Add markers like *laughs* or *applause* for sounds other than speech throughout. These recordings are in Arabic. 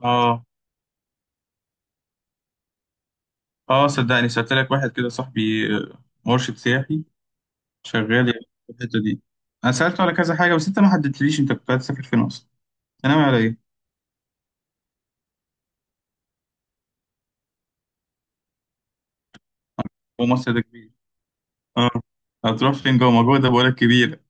اه اه، صدقني سألت لك واحد كده صاحبي، مرشد سياحي شغال يعني في الحتة دي. انا سألته على كذا حاجة، بس انت ما حددتليش. انت كنت عايز تسافر فين اصلا؟ انت ناوي على ايه؟ هو مصر ده كبير. اه، هتروح فين؟ جوه ما جوه ده بقولك كبيرة.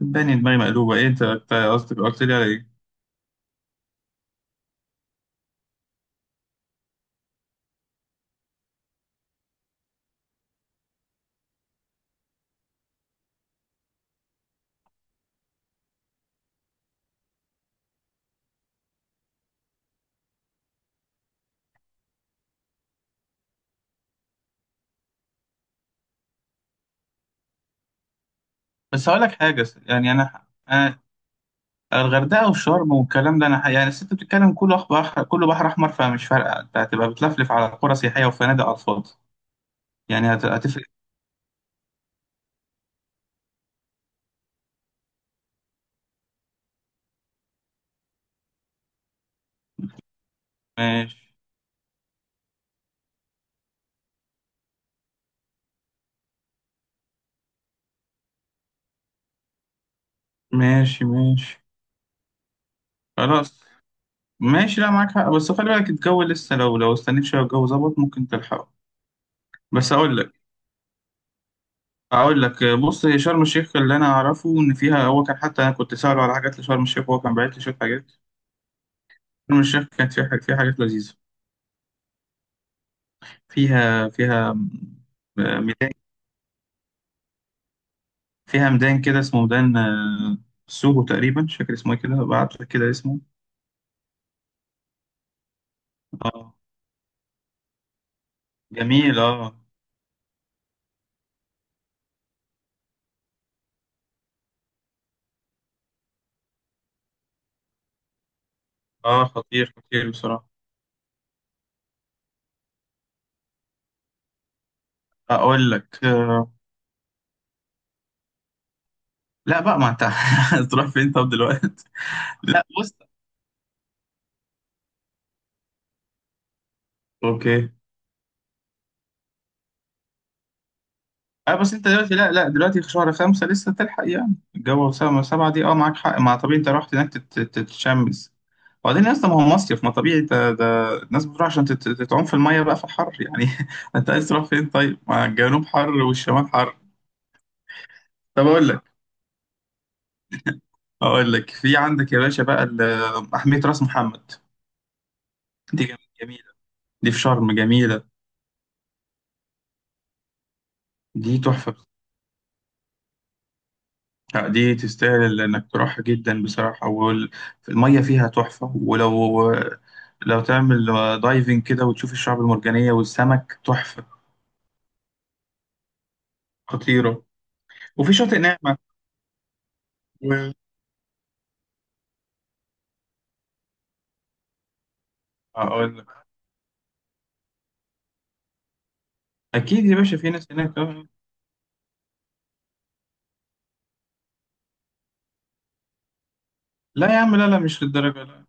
صدقني دماغي مقلوبة، ايه انت قصدك قلت لي على ايه؟ بس هقول لك حاجة، يعني انا الغردقة والشرم والكلام ده انا يعني الست بتتكلم كله بحر، كله بحر احمر، فمش فارقة. انت هتبقى بتلفلف على قرى سياحية وفنادق على الفاضي، يعني هتفرق. ماشي ماشي ماشي. خلاص ماشي. لا معاك حق، بس خلي بالك الجو لسه، لو استنيت شويه الجو ظبط ممكن تلحقه. بس اقول لك بص، هي شرم الشيخ اللي انا اعرفه ان فيها، هو كان، حتى انا كنت ساله على حاجات لشرم الشيخ وهو كان باعت لي شويه حاجات. شرم الشيخ كانت فيها حاجات لذيذه. فيها ميدان، فيها ميدان كده اسمه ميدان سوهو تقريبا، مش فاكر اسمه ايه كده، بعت لك كده اسمه. اه جميل، اه. اه، خطير خطير بصراحه. اقول لك، لا بقى، ما انت *laughs* هتروح فين طب دلوقتي؟ لا، *laughs* بص. اوكي. اه، بس انت دلوقتي، لا لا، دلوقتي في شهر خمسة لسه تلحق، يعني الجو سبعة سبعة دي، اه معاك حق. ما طبيعي انت رحت هناك تتشمس، وبعدين اصلا ما هو مصيف، ما طبيعي ده. الناس بتروح عشان تتعوم في المية بقى في الحر يعني *laughs* انت عايز تروح فين طيب؟ ما الجنوب حر والشمال حر. طب اقول لك في عندك يا باشا بقى محمية راس محمد. دي جم- جميلة، دي في شرم، جميلة. دي تحفة. لا دي تستاهل انك تروحها جدا بصراحة، المية فيها تحفة. ولو لو تعمل دايفنج كده وتشوف الشعب المرجانية والسمك، تحفة، خطيرة. وفي شاطئ نعمة و... اقول لك، اكيد يا باشا في ناس هناك لا يا عم، لا لا، مش للدرجة لا.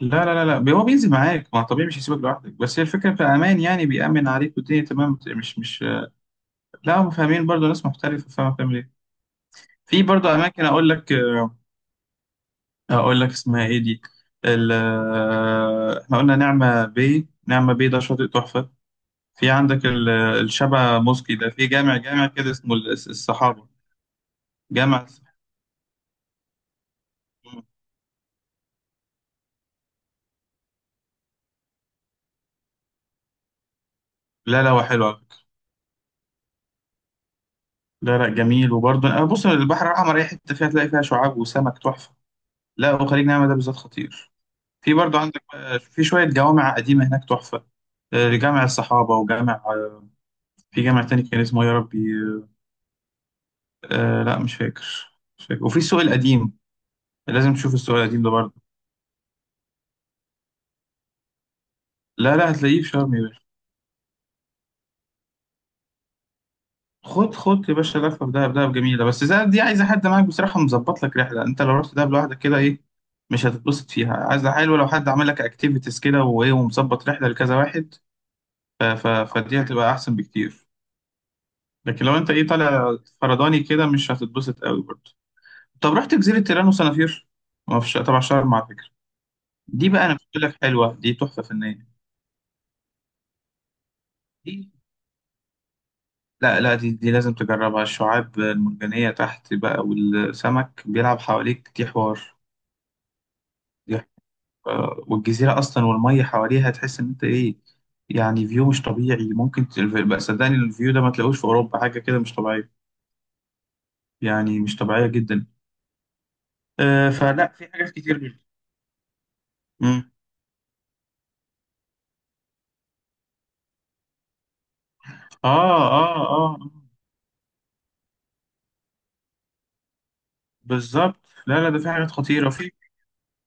لا لا لا, لا. هو بينزل معاك، ما طبيعي مش هيسيبك لوحدك. بس هي الفكرة في امان، يعني بيأمن عليك والدنيا تمام، مش لا هم فاهمين برضه، ناس محترفة فاهمة بتعمل ايه. في برضه اماكن، اقول لك اقول لك اسمها ايه دي، ال- احنا قلنا نعمة بيه. نعمة بيه ده شاطئ تحفة. في عندك الشبع موسكي ده، في جامع، جامع كده اسمه السحابة، جامع السحابة. لا لا هو حلو على فكرة. لا لا جميل، وبرضه أنا بص، البحر الأحمر أي حتة فيها تلاقي فيها شعاب وسمك تحفة. لا وخليج نعمة ده بالذات خطير. في برضه عندك في شوية جوامع قديمة هناك تحفة، جامع الصحابة، وجامع في جامع تاني كان اسمه إيه يا ربي، لا مش فاكر، مش فاكر. وفي السوق القديم، لازم تشوف السؤال القديم ده برضه. لا لا هتلاقيه في شرم يا باشا. خد خد يا باشا لفه في دهب، دهب جميله. بس دهب دي عايزه حد معاك بصراحه، مظبط لك رحله. انت لو رحت دهب لوحدك كده ايه، مش هتتبسط فيها. عايزه حلوه، لو حد عمل لك اكتيفيتيز كده وايه، ومظبط رحله لكذا واحد، ف ف فدي هتبقى احسن بكتير. لكن لو انت ايه طالع فرداني كده مش هتتبسط قوي برضه. طب رحت جزيره تيران وصنافير؟ ما فيش طبعا شرم على فكره. دي بقى انا بقول لك حلوه، دي تحفه فنيه. لا لا دي لازم تجربها، الشعاب المرجانية تحت بقى والسمك بيلعب حواليك، دي حوار. دي ح- والجزيرة أصلا والمية حواليها، تحس إن أنت إيه، يعني فيو مش طبيعي. ممكن بقى صدقني الفيو ده ما تلاقوش في أوروبا، حاجة كده مش طبيعية، يعني مش طبيعية جدا. آه فلا في حاجات كتير. امم. آه آه آه آه. بالظبط. لا لا، ده في حاجات خطيرة. في،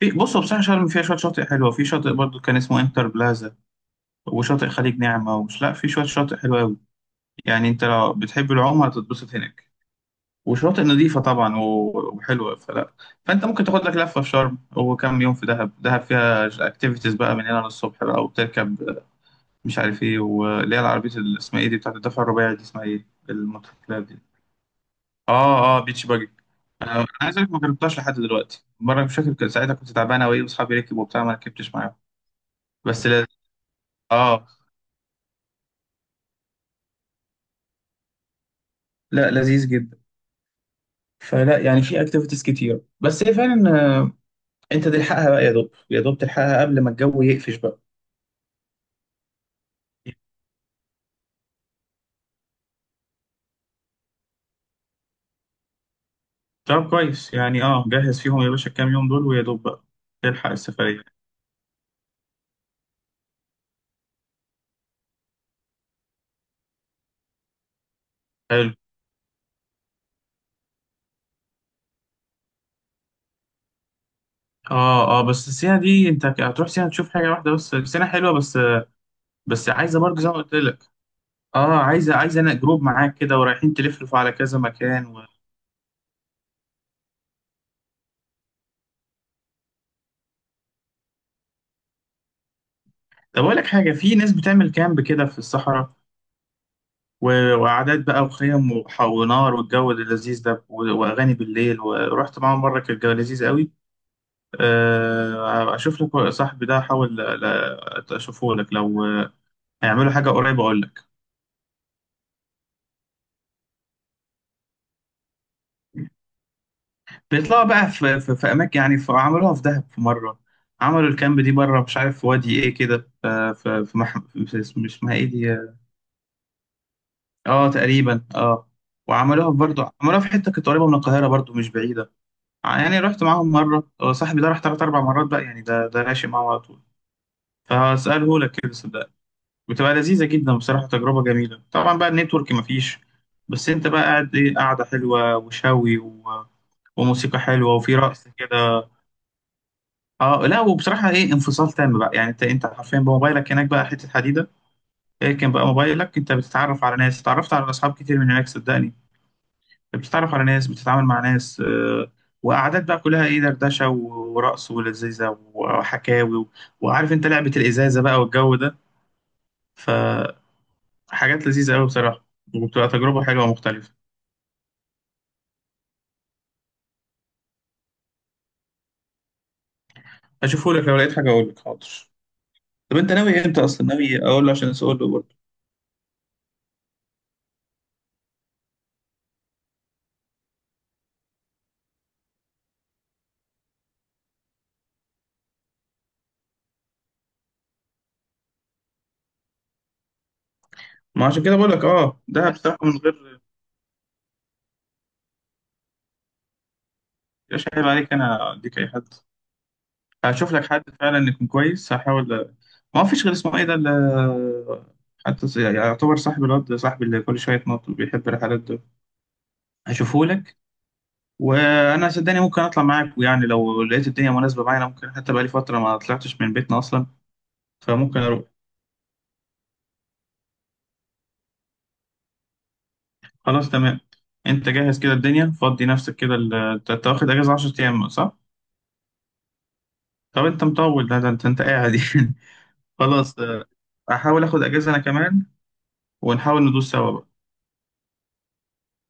في بصوا بصراحة، شرم فيها شوية شاطئ حلوة. في شاطئ برضو كان اسمه انتر بلازا، وشاطئ خليج نعمة، لا في شوية شاطئ حلوة أوي. يعني انت لو بتحب العوم هتتبسط هناك. وشواطئ نظيفة طبعا و- وحلوة، فلا، فانت ممكن تاخد لك لفة في شرم وكم يوم في دهب. دهب فيها اكتيفيتيز بقى من هنا للصبح، بقى وبتركب مش عارف ايه، واللي هي العربية اللي اسمها ايه دي، بتاعت الدفع الرباعي دي، اسمها ايه الموتوسيكلات دي. اه اه، بيتش باجي. انا عايز اقول لك، ما جربتهاش لحد دلوقتي. مرة مش فاكر كان ساعتها كنت تعبان اوي واصحابي ركبوا وبتاع ما ركبتش معاهم. بس لا، اه، لا لذيذ جدا. فلا يعني في اكتيفيتيز كتير، بس هي فعلا انت تلحقها بقى، يا دوب يا دوب تلحقها قبل ما الجو يقفش بقى. طب كويس يعني، اه جهز فيهم يا باشا الكام يوم دول، ويا دوب بقى تلحق السفرية. حلو. اه اه، بس السينا دي انت هتروح سينا تشوف حاجة واحدة بس، سينا حلوة بس، بس عايزة برضه زي ما قلت لك. اه عايزة، انا جروب معاك كده ورايحين تلفلفوا على كذا مكان و... طب اقول لك حاجة، في ناس بتعمل كامب كده في الصحراء، و... وقعدات بقى وخيم ونار والجو اللذيذ ده، و... واغاني بالليل. ورحت معاهم مرة كان الجو لذيذ قوي. اشوف لك صاحبي ده، احاول اشوفه لك لو هيعملوا حاجه قريبه، اقول لك. بيطلعوا بقى في اماكن، يعني في عملوها في دهب في مره. عملوا الكامب دي بره، مش عارف في وادي ايه كده، في في, في, مح... في اسم- اسمها ايه دي. اه تقريبا، اه. وعملوها برضه، عملوها في حته كانت قريبه من القاهره برضه، مش بعيده. يعني رحت معاهم مره، صاحبي ده راح ثلاث اربع مرات بقى، يعني ده راشي معاه على طول، فهساله لك كده، صدقني. بتبقى لذيذة جدا بصراحة، تجربة جميلة. طبعا بقى النتورك مفيش، بس انت بقى قاعد ايه، قاعدة حلوة وشوي و... وموسيقى حلوة، وفي رقص كده. اه لا وبصراحة ايه، انفصال تام بقى. يعني انت حرفيا بموبايلك هناك بقى حتة حديدة. اركن بقى موبايلك، انت بتتعرف على ناس، اتعرفت على اصحاب كتير من هناك صدقني. بتتعرف على ناس، بتتعامل مع ناس وقعدات بقى كلها ايه، دردشة و- ورقص، ولذيذة وحكاوي و... وعارف انت لعبة الإزازة بقى والجو ده، ف... حاجات لذيذة أوي بصراحة، وبتبقى تجربة حلوة ومختلفة. هشوفهولك لو لقيت حاجة أقولك، حاضر. طب أنت ناوي إمتى أصلا، ناوي أقول له عشان أسأله برضه. ما عشان كده بقولك، أه ده بصراحة من غير، مش عيب عليك، أنا أديك أي حد؟ هشوف لك حد فعلا يكون كويس، هحاول. ما فيش غير اسمه إيه ده حتى يعني يعتبر صاحب الواد ده، صاحبي اللي كل شوية يتنطط بيحب الرحلات ده، هشوفهولك. وأنا صدقني ممكن أطلع معاك، ويعني لو لقيت الدنيا مناسبة معايا أنا ممكن، حتى بقالي فترة ما طلعتش من بيتنا أصلا، فممكن أروح. خلاص تمام. انت جهز كده الدنيا، فضي نفسك كده، انت واخد اجازه 10 ايام صح؟ طب انت مطول، ده انت قاعد *laughs* يعني. خلاص هحاول اخد اجازه انا كمان، ونحاول ندوس سوا بقى.